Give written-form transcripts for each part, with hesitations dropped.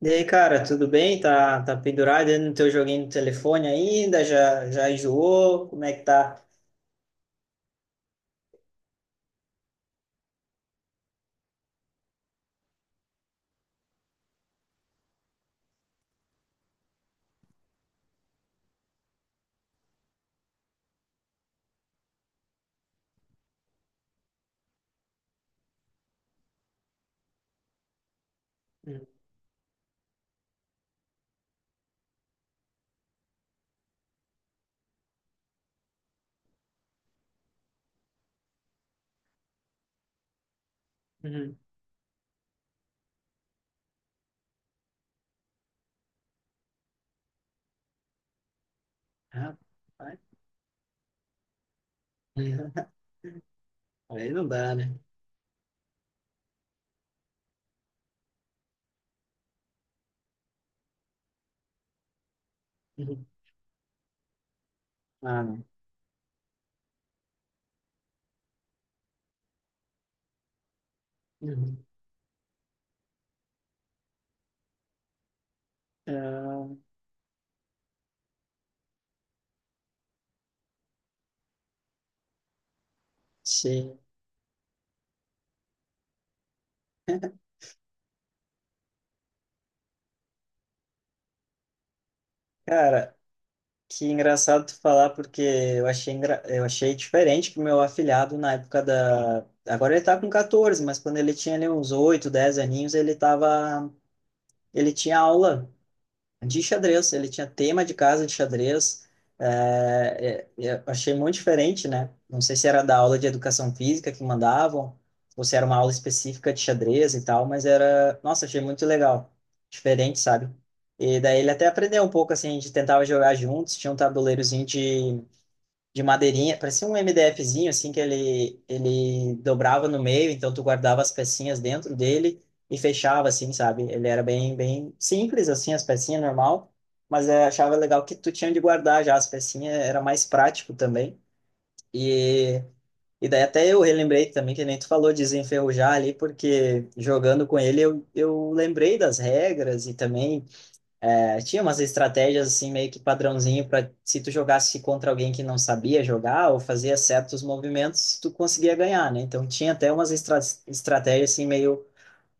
E aí, cara, tudo bem? Tá, pendurado aí no teu joguinho do telefone ainda? Já enjoou? Como é que tá? Uhum. Uhum. Rapaz. Uhum. Aí não dá, né? Uhum. Ah, não. Uhum. Ah, sim. Cara, que engraçado tu falar, porque eu achei, eu achei diferente que o meu afilhado na época da. Agora ele tá com 14, mas quando ele tinha ali uns 8, 10 aninhos, ele tava. Ele tinha aula. De xadrez, ele tinha tema de casa de xadrez. Eu achei muito diferente, né? Não sei se era da aula de educação física que mandavam, ou se era uma aula específica de xadrez e tal, mas era, nossa, achei muito legal, diferente, sabe? E daí ele até aprendeu um pouco assim, a gente tentava jogar juntos, tinha um tabuleirozinho de madeirinha, parecia um MDFzinho, assim, que ele dobrava no meio, então tu guardava as pecinhas dentro dele e fechava, assim, sabe? Ele era bem simples, assim, as pecinhas, normal, mas eu achava legal que tu tinha de guardar já as pecinhas, era mais prático também. E, e daí até eu relembrei também, que nem tu falou, de desenferrujar ali, porque jogando com ele eu lembrei das regras e também tinha umas estratégias assim meio que padrãozinho para se tu jogasse contra alguém que não sabia jogar ou fazia certos movimentos, tu conseguia ganhar, né? Então tinha até umas estratégias assim meio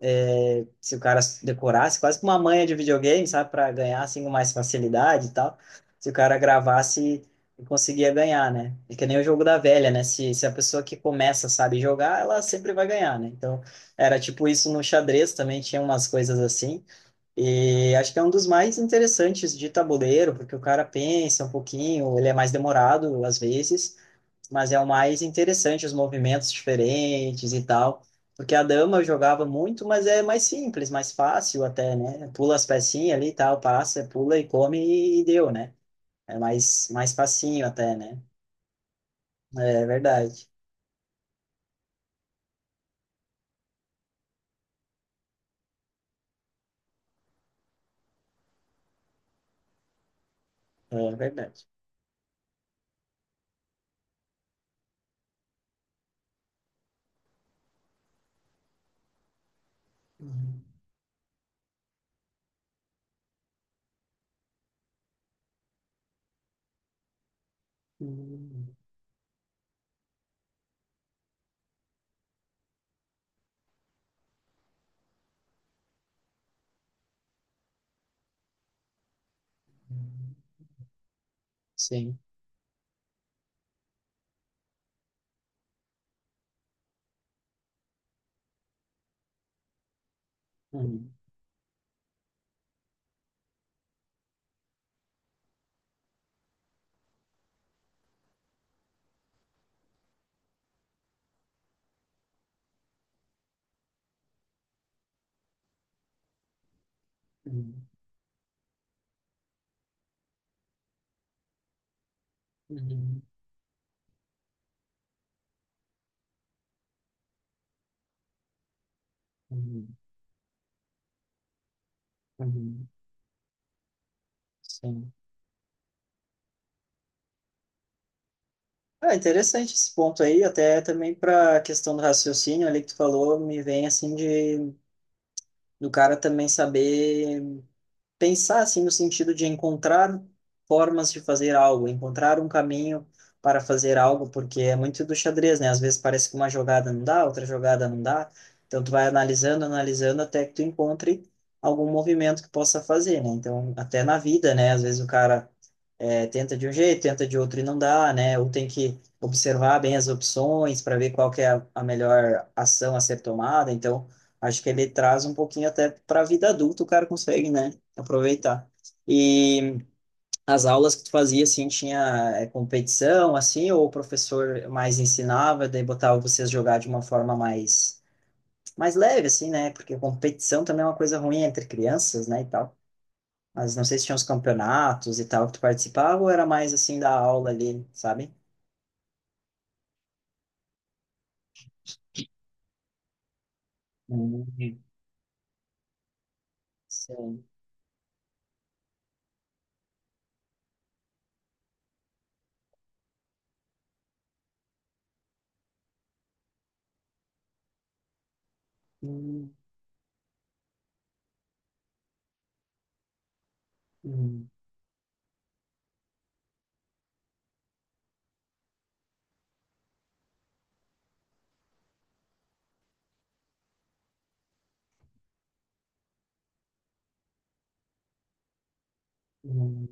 se o cara decorasse, quase que uma manha de videogame, sabe, para ganhar assim com mais facilidade e tal. Se o cara gravasse, conseguia ganhar, né? É que nem o jogo da velha, né? Se a pessoa que começa sabe jogar, ela sempre vai ganhar, né? Então era tipo isso no xadrez também tinha umas coisas assim. E acho que é um dos mais interessantes de tabuleiro, porque o cara pensa um pouquinho, ele é mais demorado às vezes, mas é o mais interessante, os movimentos diferentes e tal. Porque a dama eu jogava muito, mas é mais simples, mais fácil até, né? Pula as pecinhas ali e tal, passa, pula e come e deu, né? É mais facinho até, né? É verdade, é verdade. Uhum. Uhum. Sim. Uhum. Uhum. Uhum. Uhum. Uhum. Sim. Ah, interessante esse ponto aí, até também para a questão do raciocínio ali que tu falou, me vem assim de do cara também saber pensar assim no sentido de encontrar formas de fazer algo, encontrar um caminho para fazer algo, porque é muito do xadrez, né? Às vezes parece que uma jogada não dá, outra jogada não dá, então tu vai analisando, analisando até que tu encontre algum movimento que possa fazer, né? Então, até na vida, né? Às vezes o cara tenta de um jeito, tenta de outro e não dá, né? Ou tem que observar bem as opções para ver qual que é a melhor ação a ser tomada. Então, acho que ele traz um pouquinho até para a vida adulta, o cara consegue, né? Aproveitar. E as aulas que tu fazia, assim, tinha competição, assim, ou o professor mais ensinava, daí botava vocês jogar de uma forma mais leve, assim, né? Porque competição também é uma coisa ruim entre crianças, né, e tal. Mas não sei se tinha uns campeonatos e tal que tu participava ou era mais assim da aula ali, sabe? Hum. Sim. Hum, hum, hum.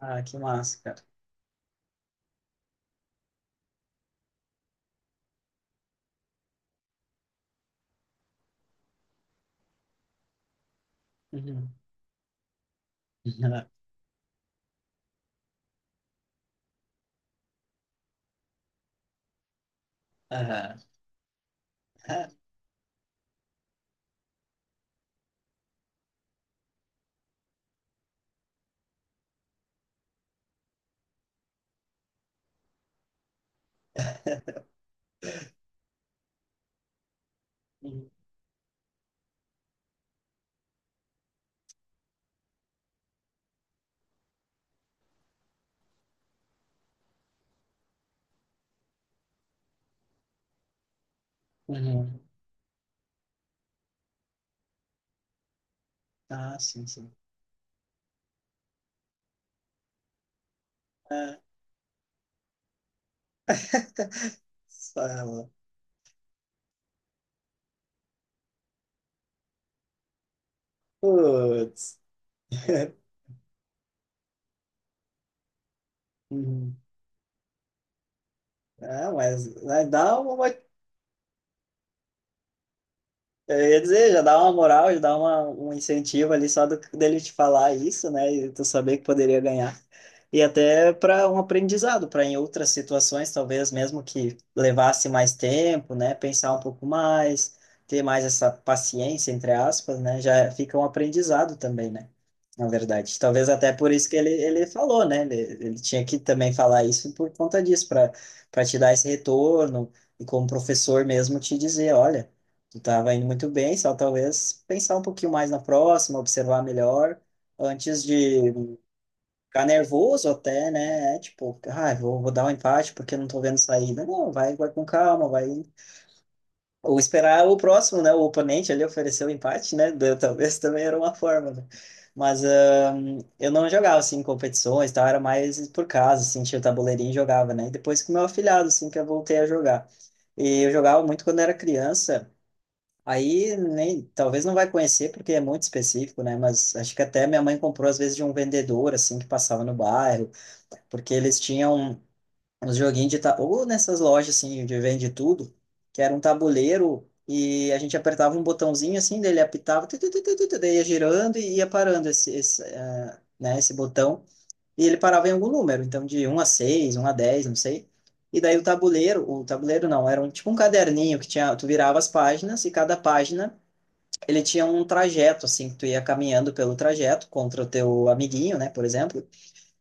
Ah, que massa, cara. Uhum. Aham. Uhum. Uhum. Ah, sim, sim. Ah, sala. Putz. Uhum. Ah, mas né, dá uma. Eu ia dizer, já dá uma moral, já dá uma, um incentivo ali só do, dele te falar isso, né? E tu saber que poderia ganhar. E até para um aprendizado, para em outras situações, talvez mesmo que levasse mais tempo, né? Pensar um pouco mais, ter mais essa paciência, entre aspas, né? Já fica um aprendizado também, né? Na verdade. Talvez até por isso que ele falou, né? Ele tinha que também falar isso por conta disso, para te dar esse retorno e como professor mesmo te dizer, olha, tu estava indo muito bem, só talvez pensar um pouquinho mais na próxima, observar melhor antes de ficar nervoso até, né? É, tipo, ah, vou dar um empate porque eu não tô vendo saída. Não, vai com calma, vai. Ou esperar o próximo, né? O oponente ali ofereceu o empate, né? Da- Talvez também era uma forma, né? Mas eu não jogava, assim, em competições, tal, era mais por casa, assim, tinha o tabuleirinho e jogava, né? E depois com o meu afilhado, assim, que eu voltei a jogar. E eu jogava muito quando era criança. Aí nem, talvez não vai conhecer porque é muito específico, né? Mas acho que até minha mãe comprou às vezes de um vendedor assim que passava no bairro porque eles tinham uns joguinhos de tabuleiro, ou nessas lojas assim, de vende tudo, que era um tabuleiro e a gente apertava um botãozinho assim, dele apitava, tu, tu, tu, tu, tu, tu, daí ia girando e ia parando né, esse botão. E ele parava em algum número, então de um a seis, um a 10, não sei. E daí o tabuleiro não, era um, tipo um caderninho que tinha, tu virava as páginas e cada página ele tinha um trajeto, assim, que tu ia caminhando pelo trajeto contra o teu amiguinho, né, por exemplo.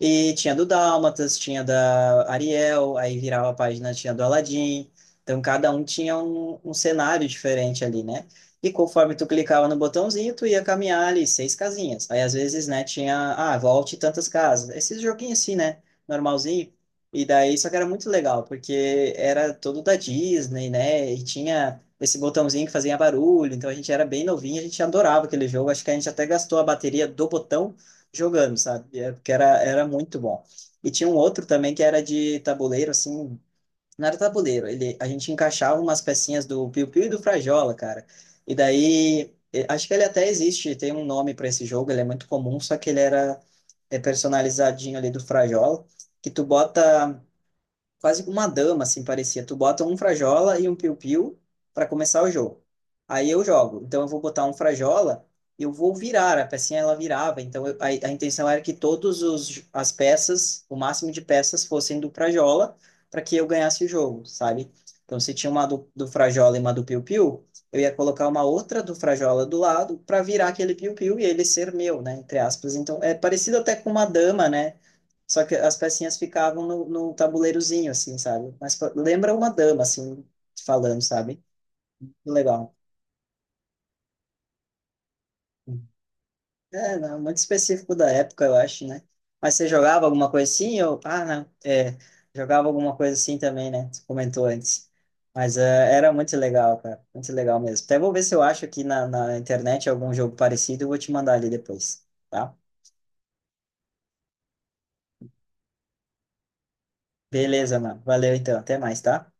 E tinha do Dálmatas, tinha da Ariel, aí virava a página, tinha do Aladdin. Então, cada um tinha um cenário diferente ali, né? E conforme tu clicava no botãozinho, tu ia caminhar ali seis casinhas. Aí, às vezes, né, tinha, ah, volte tantas casas. Esses joguinhos assim, né? Normalzinho. E daí, só que era muito legal, porque era todo da Disney, né? E tinha esse botãozinho que fazia barulho. Então, a gente era bem novinho, a gente adorava aquele jogo. Acho que a gente até gastou a bateria do botão jogando, sabe? É, porque era muito bom. E tinha um outro também que era de tabuleiro, assim, não era tabuleiro, ele, a gente encaixava umas pecinhas do Piu Piu e do Frajola, cara. E daí, acho que ele até existe, tem um nome para esse jogo, ele é muito comum, só que ele era personalizadinho ali do Frajola, que tu bota quase que uma dama, assim, parecia. Tu bota um Frajola e um Piu-Piu para começar o jogo. Aí eu jogo. Então eu vou botar um Frajola, eu vou virar, a pecinha ela virava. A, a intenção era que todos os as peças, o máximo de peças fossem do Frajola para que eu ganhasse o jogo, sabe? Então se tinha uma do Frajola e uma do Piu-Piu, eu ia colocar uma outra do Frajola do lado para virar aquele Piu-Piu e ele ser meu, né, entre aspas. Então é parecido até com uma dama, né? Só que as pecinhas ficavam no, no tabuleirozinho, assim, sabe? Mas lembra uma dama, assim, falando, sabe? Legal. É, não, muito específico da época, eu acho, né? Mas você jogava alguma coisa assim? Ou... Ah, não. É, jogava alguma coisa assim também, né? Você comentou antes. Mas é, era muito legal, cara. Muito legal mesmo. Até vou ver se eu acho aqui na, na internet algum jogo parecido. E vou te mandar ali depois, tá? Beleza, mano. Valeu então. Até mais, tá?